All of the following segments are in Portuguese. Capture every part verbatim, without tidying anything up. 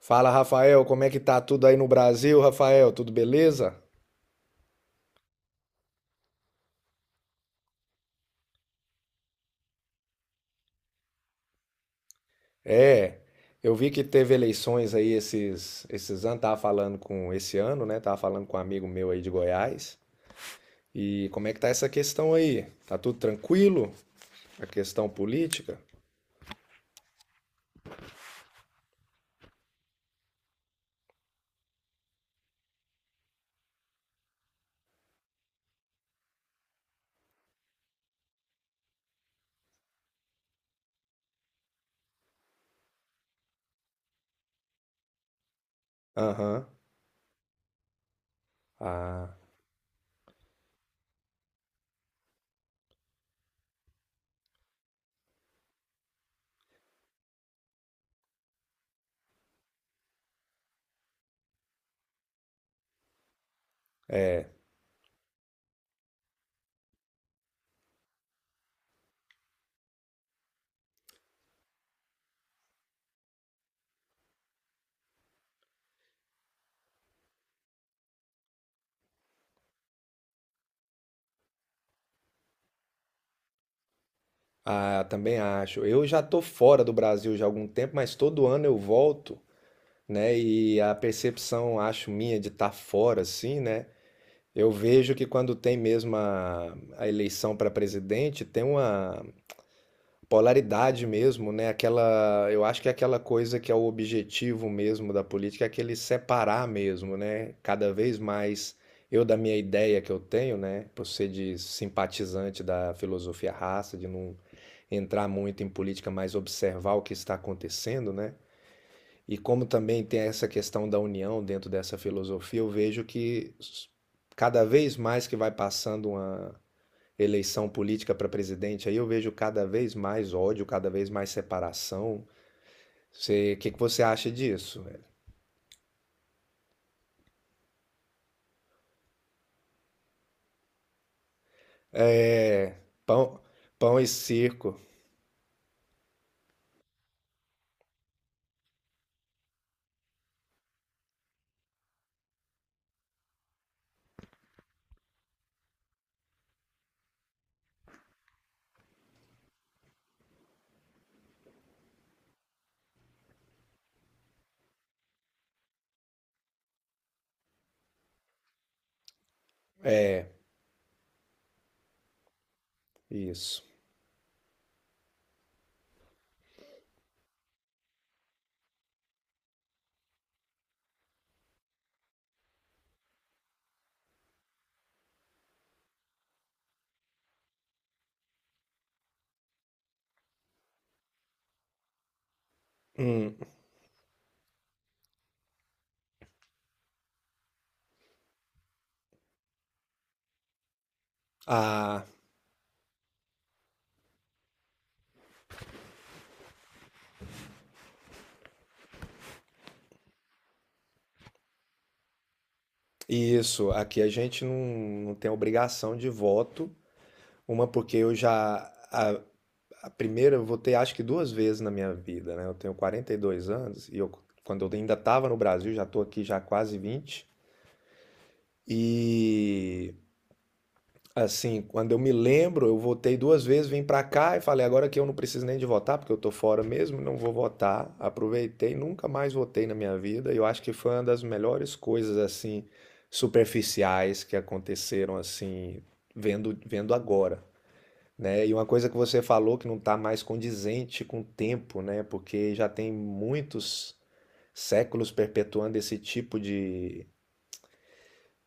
Fala, Rafael, como é que tá tudo aí no Brasil, Rafael? Tudo beleza? É, eu vi que teve eleições aí esses esses anos, tava falando com esse ano, né? Tava falando com um amigo meu aí de Goiás. E como é que tá essa questão aí? Tá tudo tranquilo? A questão política? Aham. Ah, é. Ah, também acho. Eu já tô fora do Brasil já há algum tempo, mas todo ano eu volto, né? E a percepção, acho minha, de estar fora, assim, né? Eu vejo que quando tem mesmo a, a eleição para presidente, tem uma polaridade mesmo, né? Aquela, eu acho que é aquela coisa que é o objetivo mesmo da política, é aquele separar mesmo, né? Cada vez mais eu da minha ideia que eu tenho, né? Por ser de simpatizante da filosofia raça, de não entrar muito em política, mas observar o que está acontecendo, né? E como também tem essa questão da união dentro dessa filosofia, eu vejo que s- cada vez mais que vai passando uma eleição política para presidente, aí eu vejo cada vez mais ódio, cada vez mais separação. O que que você acha disso, velho? É, pão, pão e circo. É, isso. Hum, ah, isso. Aqui a gente não, não tem obrigação de voto. Uma porque eu já, a- a primeira eu votei acho que duas vezes na minha vida, né? Eu tenho quarenta e dois anos e eu, quando eu ainda estava no Brasil, já estou aqui já há quase vinte. E assim, quando eu me lembro, eu votei duas vezes, vim para cá e falei agora que eu não preciso nem de votar, porque eu tô fora mesmo, não vou votar. Aproveitei, nunca mais votei na minha vida. E eu acho que foi uma das melhores coisas assim superficiais que aconteceram assim vendo vendo agora, né? E uma coisa que você falou que não está mais condizente com o tempo, né? Porque já tem muitos séculos perpetuando esse tipo de,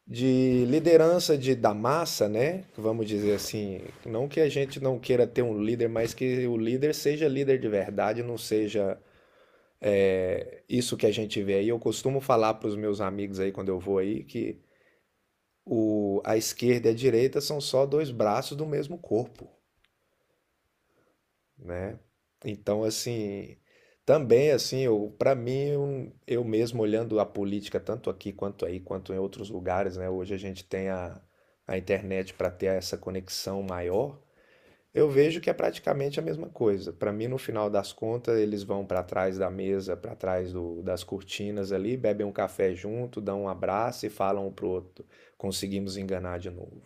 de liderança de, da massa, né? Vamos dizer assim, não que a gente não queira ter um líder, mas que o líder seja líder de verdade, não seja é, isso que a gente vê aí. Eu costumo falar para os meus amigos aí quando eu vou aí que o, a esquerda e a direita são só dois braços do mesmo corpo, né? Então, assim, também assim, eu para mim, eu, eu mesmo olhando a política tanto aqui quanto aí, quanto em outros lugares, né? Hoje a gente tem a, a internet para ter essa conexão maior. Eu vejo que é praticamente a mesma coisa. Para mim, no final das contas, eles vão para trás da mesa, para trás do, das cortinas ali, bebem um café junto, dão um abraço e falam um pro outro, conseguimos enganar de novo.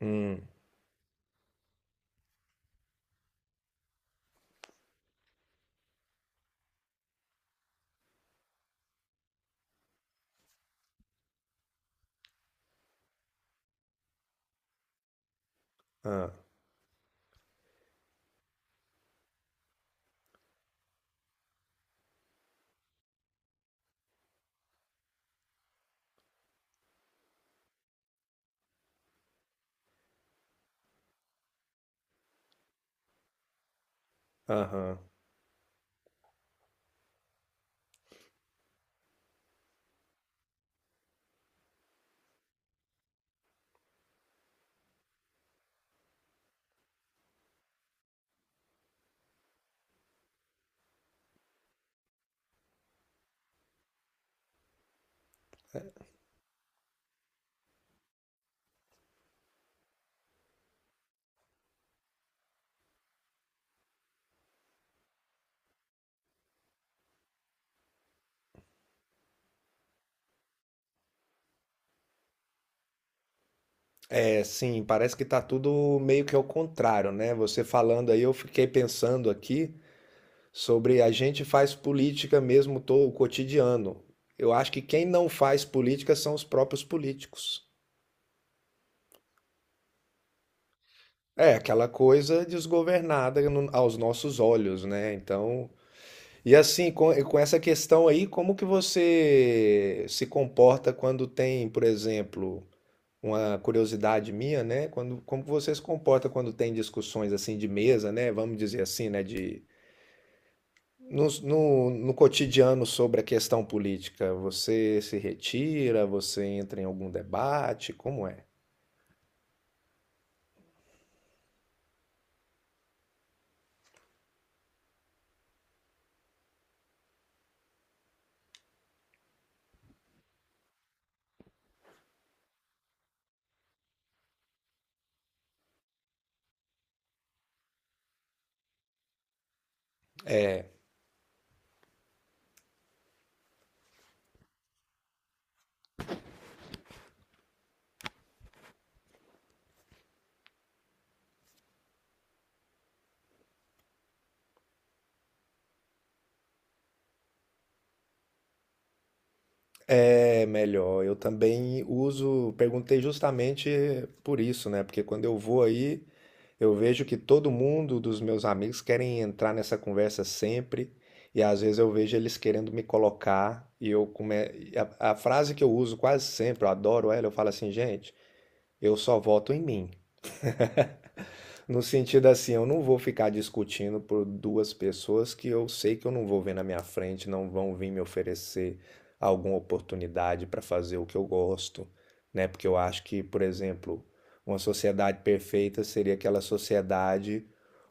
Hum, ah, aham. É, sim, parece que tá tudo meio que ao contrário, né? Você falando aí, eu fiquei pensando aqui sobre a gente faz política mesmo todo o cotidiano. Eu acho que quem não faz política são os próprios políticos. É, aquela coisa desgovernada no- aos nossos olhos, né? Então, e assim, com, com essa questão aí, como que você se comporta quando tem, por exemplo, uma curiosidade minha, né? Quando, como você se comporta quando tem discussões assim de mesa, né? Vamos dizer assim, né? De, no, no, no cotidiano sobre a questão política, você se retira, você entra em algum debate, como é? É melhor, eu também uso, perguntei justamente por isso, né? Porque quando eu vou aí, eu vejo que todo mundo dos meus amigos querem entrar nessa conversa sempre, e às vezes eu vejo eles querendo me colocar, e eu come... e a, a frase que eu uso quase sempre, eu adoro ela, eu falo assim, gente, eu só voto em mim. No sentido assim, eu não vou ficar discutindo por duas pessoas que eu sei que eu não vou ver na minha frente, não vão vir me oferecer alguma oportunidade para fazer o que eu gosto, né? Porque eu acho que, por exemplo, uma sociedade perfeita seria aquela sociedade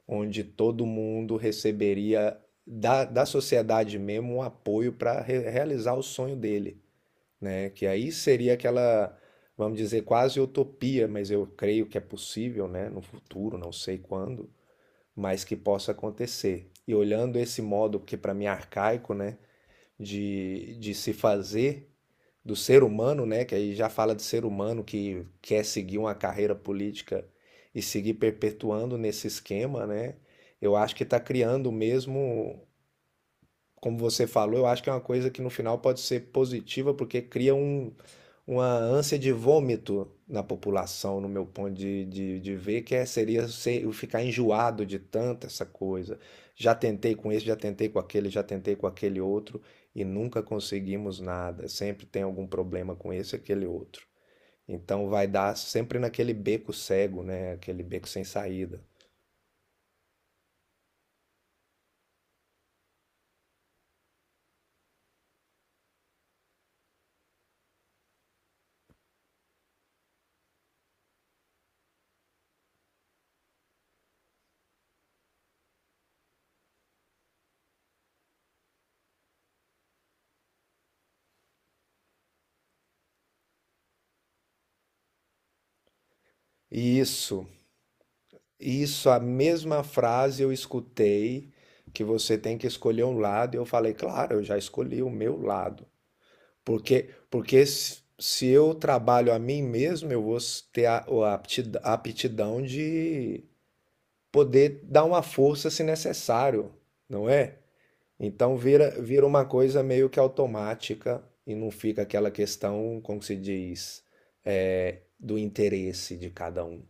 onde todo mundo receberia da, da sociedade mesmo um apoio para realizar o sonho dele, né? Que aí seria aquela, vamos dizer, quase utopia, mas eu creio que é possível, né? No futuro, não sei quando, mas que possa acontecer. E olhando esse modo, que para mim é arcaico, né? De, de se fazer do ser humano, né? Que aí já fala de ser humano que quer seguir uma carreira política e seguir perpetuando nesse esquema, né? Eu acho que está criando mesmo, como você falou, eu acho que é uma coisa que no final pode ser positiva, porque cria um, uma ânsia de vômito na população, no meu ponto de, de, de ver, que é, seria ser, eu ficar enjoado de tanta essa coisa. Já tentei com esse, já tentei com aquele, já tentei com aquele outro, e nunca conseguimos nada. Sempre tem algum problema com esse e aquele outro. Então vai dar sempre naquele beco cego, né? Aquele beco sem saída. E isso. Isso, a mesma frase eu escutei que você tem que escolher um lado, e eu falei, claro, eu já escolhi o meu lado. Porque, porque se se eu trabalho a mim mesmo, eu vou ter a, o apti- a aptidão de poder dar uma força se necessário, não é? Então vira, vira uma coisa meio que automática e não fica aquela questão, como se diz, é, do interesse de cada um.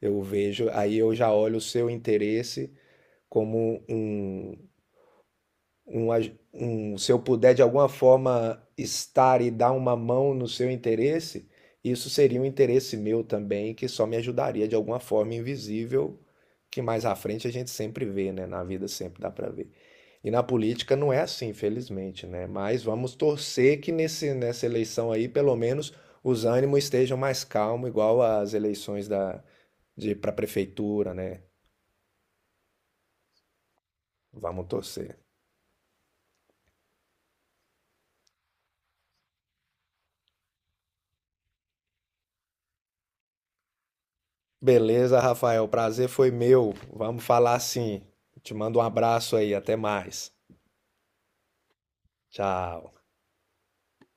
Eu vejo, aí eu já olho o seu interesse como um, um, aj- um- se eu puder de alguma forma estar e dar uma mão no seu interesse, isso seria um interesse meu também, que só me ajudaria de alguma forma invisível, que mais à frente a gente sempre vê, né? Na vida sempre dá para ver. E na política não é assim, infelizmente, né? Mas vamos torcer que nesse, nessa eleição aí, pelo menos, os ânimos estejam mais calmos, igual às eleições da, de para prefeitura, né? Vamos torcer. Beleza, Rafael. Prazer foi meu. Vamos falar assim. Te mando um abraço aí. Até mais. Tchau.